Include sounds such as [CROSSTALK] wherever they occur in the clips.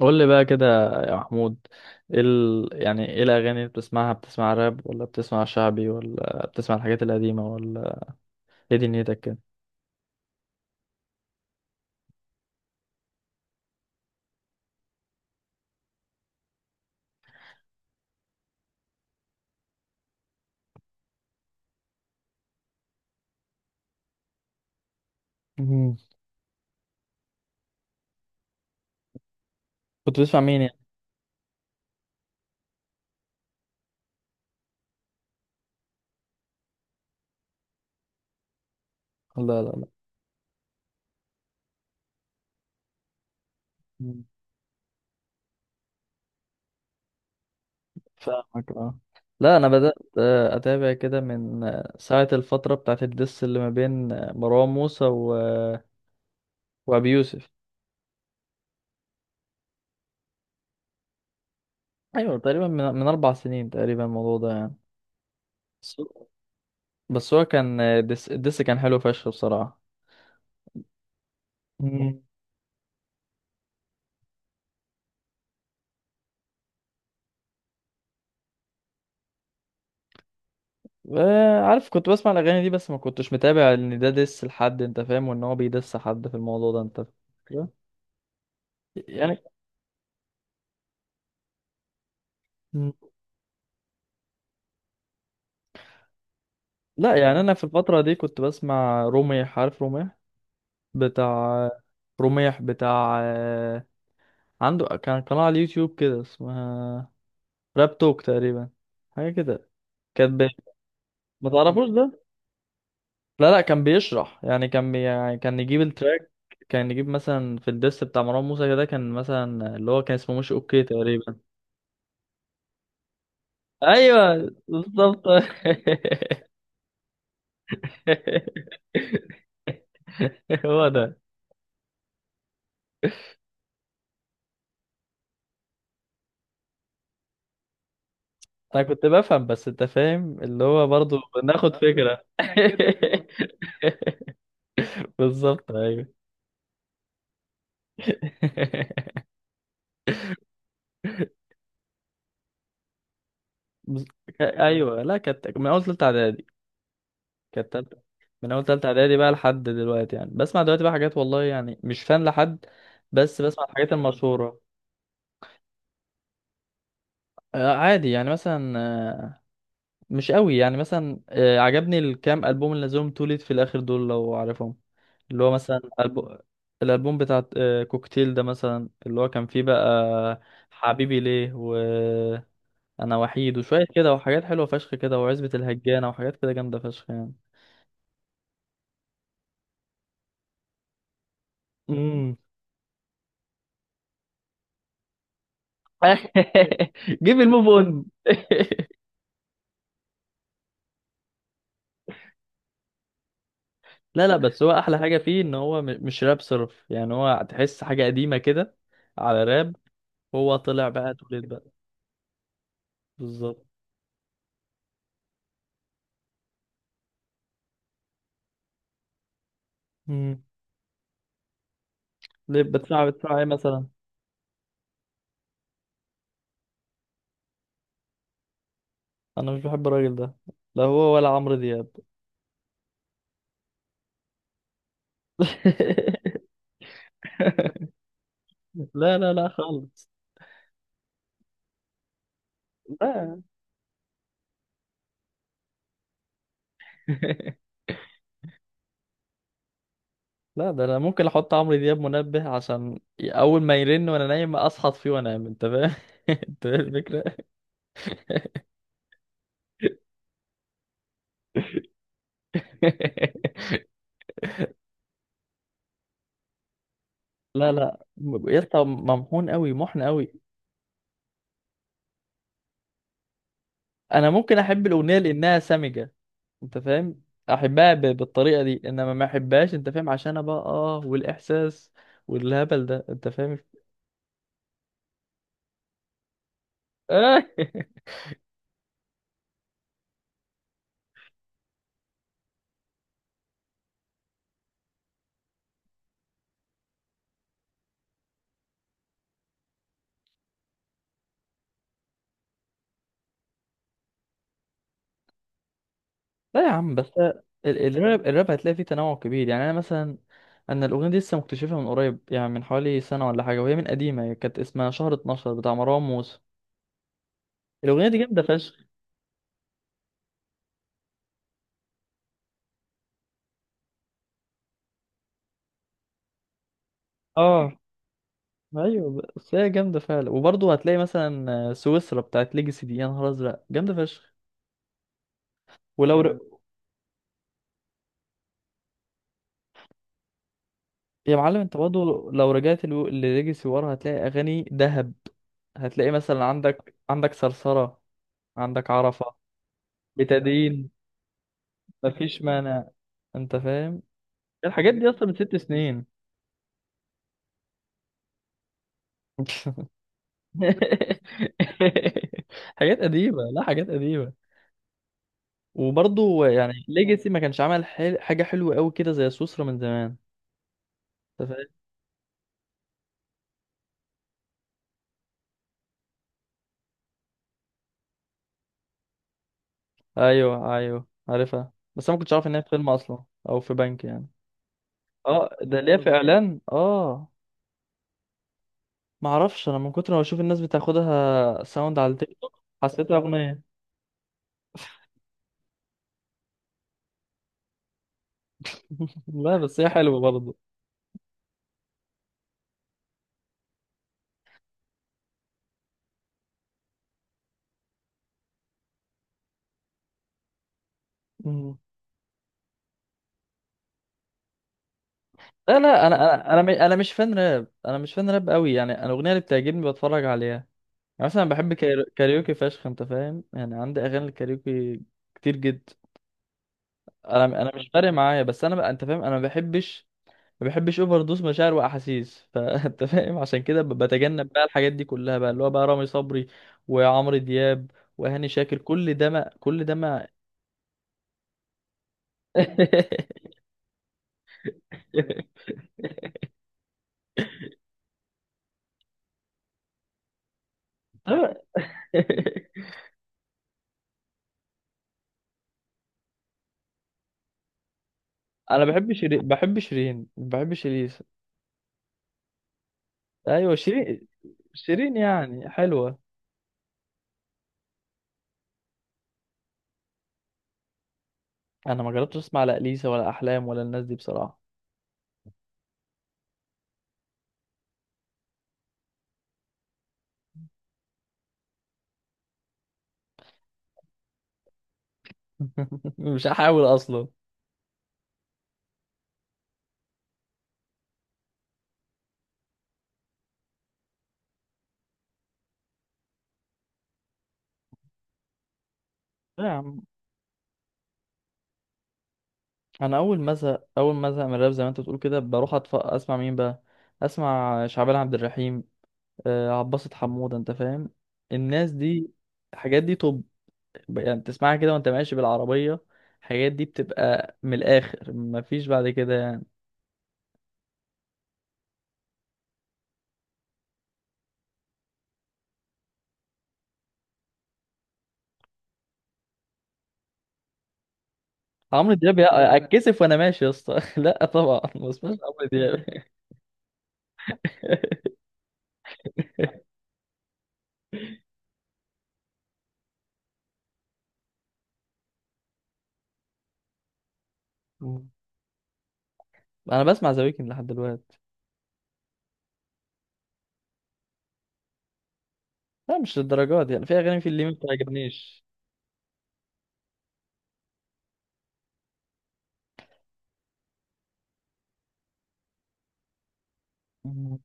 قول لي بقى كده يا محمود. يعني ايه الاغاني اللي بتسمعها، بتسمع راب ولا بتسمع شعبي ولا بتسمع الحاجات القديمه ولا ايه دنيتك كده؟ مم. كنت بتسمع مين يعني؟ لا لا لا. مم. فاهمك اه. لا، انا بدات اتابع كده من ساعه الفتره بتاعت الدس اللي ما بين مروان موسى وابي يوسف. ايوه، تقريبا من 4 سنين تقريبا الموضوع ده يعني. بس بس هو كان الدس كان حلو فشخ بصراحه. عارف، كنت بسمع الاغاني دي بس ما كنتش متابع ان ده ديس لحد انت فاهم، وان هو بيدس حد في الموضوع ده، انت فاهم؟ يعني. [LAUGHS] مم. لا، يعني انا في الفتره دي كنت بسمع روميح، عارف روميح بتاع، روميح بتاع عنده كان قناه على اليوتيوب كده اسمها راب توك تقريبا، حاجه كده، كان بي... ما تعرفوش ده؟ لا لا، كان بيشرح يعني كان يعني كان يجيب التراك. كان يجيب مثلا في الديس بتاع مروان موسى كده، كان مثلا اللي هو كان اسمه مش اوكي تقريبا. ايوه بالظبط. [LAUGHS] هو ده. انا كنت بفهم بس انت فاهم اللي هو برضو بناخد فكرة. [LAUGHS] بالظبط ايوه. [LAUGHS] بز- ايوه، لا كانت من اول تالتة اعدادي، كانت تالتة. من اول تالتة اعدادي بقى لحد دلوقتي، يعني بسمع دلوقتي بقى حاجات والله يعني مش فان لحد، بس بسمع الحاجات المشهورة. عادي يعني مثلا مش قوي، يعني مثلا عجبني الكام ألبوم اللي نزلهم توليت في الآخر دول لو عارفهم، اللي هو مثلا الألبوم بتاع كوكتيل ده مثلا اللي هو كان فيه بقى حبيبي ليه، وأنا وحيد، وشوية كده، وحاجات حلوة فشخ كده، وعزبة الهجانة، وحاجات كده جامدة فشخ يعني. امم. [LAUGHS] جيب الموف اون. [LAUGHS] لا لا، بس هو أحلى حاجة فيه إن هو مش راب صرف، يعني هو تحس حاجة قديمة كده على راب. هو طلع بقى توليد بقى. بالظبط. امم. ليه بتسمع ايه مثلا؟ أنا مش بحب الراجل ده، لا هو ولا عمرو دياب. [LAUGHS] لا لا لا خالص. لا. [LAUGHS] لا، ده انا ممكن احط عمرو دياب منبه عشان اول ما يرن وانا نايم اصحى فيه وانام، انت فاهم؟ [LAUGHS] انت فاهم الفكره؟ [LAUGHS] لا لا يا اسطى ممحون قوي، محن قوي. انا ممكن احب الاغنيه لانها سمجه، انت فاهم؟ احبها بالطريقه دي انما ما احبهاش، انت فاهم، عشان انا بقى اه، والاحساس والهبل ده، انت فاهم. [LAUGHS] لا يا عم بس الراب هتلاقي فيه تنوع كبير، يعني انا مثلا، انا الاغنيه دي لسه مكتشفها من قريب يعني من حوالي سنه ولا حاجه، وهي من قديمه، هي كانت اسمها شهر 12 بتاع مروان موسى. الاغنيه دي جامده فشخ. اه ايوه، بس هي جامده فعلا، وبرضه هتلاقي مثلا سويسرا بتاعت ليجاسي دي، يا نهار ازرق جامده فشخ. ولو ر... يا معلم، انت برضه لو رجعت لليجاسي ورا هتلاقي اغاني دهب. هتلاقي مثلا عندك صرصره، عندك عرفه. بتدين، مفيش مانع، انت فاهم. الحاجات دي اصلا من 6 سنين. [LAUGHS] حاجات قديمه، لا حاجات قديمه، وبرضه يعني ليجاسي ما كانش عمل حاجه حلوه قوي كده زي سوسرا من زمان. أنت فاهم؟ ايوه ايوه عارفها، بس انا ما كنتش عارف ان هي في فيلم اصلا او في بنك يعني. اه ده ليه في اعلان، اه. ما اعرفش، انا من كتر ما بشوف الناس بتاخدها ساوند على التيك توك حسيتها اغنيه. لا بس هي حلوه برضه. مم. لا لا، انا مش فان راب، انا مش فان راب قوي، يعني انا الاغنيه اللي بتعجبني بتفرج عليها. يعني مثلا بحب كاريوكي فشخ، انت فاهم، يعني عندي اغاني الكاريوكي كتير جدا. انا انا مش فارق معايا، بس انا بقى، انت فاهم، انا ما بحبش اوفر دوز مشاعر واحاسيس، فانت [LAUGHS] فاهم، عشان كده بتجنب بقى الحاجات دي كلها بقى، اللي هو بقى رامي صبري وعمرو دياب وهاني شاكر، كل ده ما، كل ده ما. [LAUGHS] طبعاً. انا بحب شيرين، بحب شيرين، بحب شيرين. ايوه شيرين. شيرين يعني حلوه. انا ما جربتش اسمع لا اليسا ولا احلام ولا الناس دي بصراحه. [LAUGHS] مش هحاول اصلا. لا يا عم، انا اول ما ازهق من الراب زي ما انت بتقول كده، بروح اسمع مين بقى، اسمع شعبان عبد الرحيم، عباسة حمودة، انت فاهم، الناس دي، الحاجات دي. طب يعني تسمعها كده وانت ماشي بالعربية، الحاجات دي بتبقى من الاخر، مفيش بعد كده يعني. عمرو دياب، اتكسف وانا ماشي يا اسطى. [LAUGHS] لا طبعا ما بسمعش عمرو دياب. [LAUGHS] مم. انا بسمع ذا ويكند لحد دلوقتي. لا مش للدرجات، يعني في اغاني، في اللي ما بتعجبنيش. مم.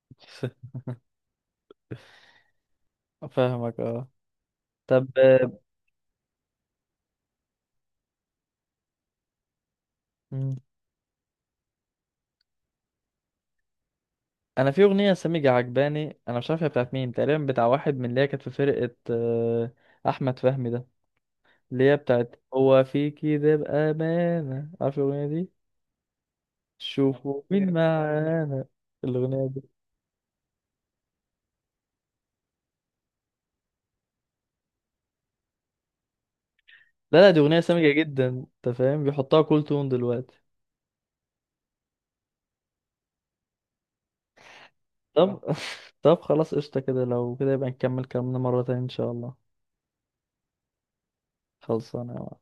[LAUGHS] فاهمك اه. طب مم. انا في اغنيه سميجة عجباني، انا مش عارف هي بتاعت مين تقريبا، بتاع واحد من اللي هي كانت في فرقه احمد فهمي ده، اللي هي بتاعت هو في كده بامانه، عارف الاغنيه دي؟ شوفوا مين معانا، الاغنيه دي. لا لا، دي اغنيه سميجة جدا انت فاهم، بيحطها كل تون دلوقتي. طب. [LAUGHS] طب خلاص قشطه كده، لو كده يبقى نكمل كلامنا مره تانية ان شاء الله. خلصانه يا معلم.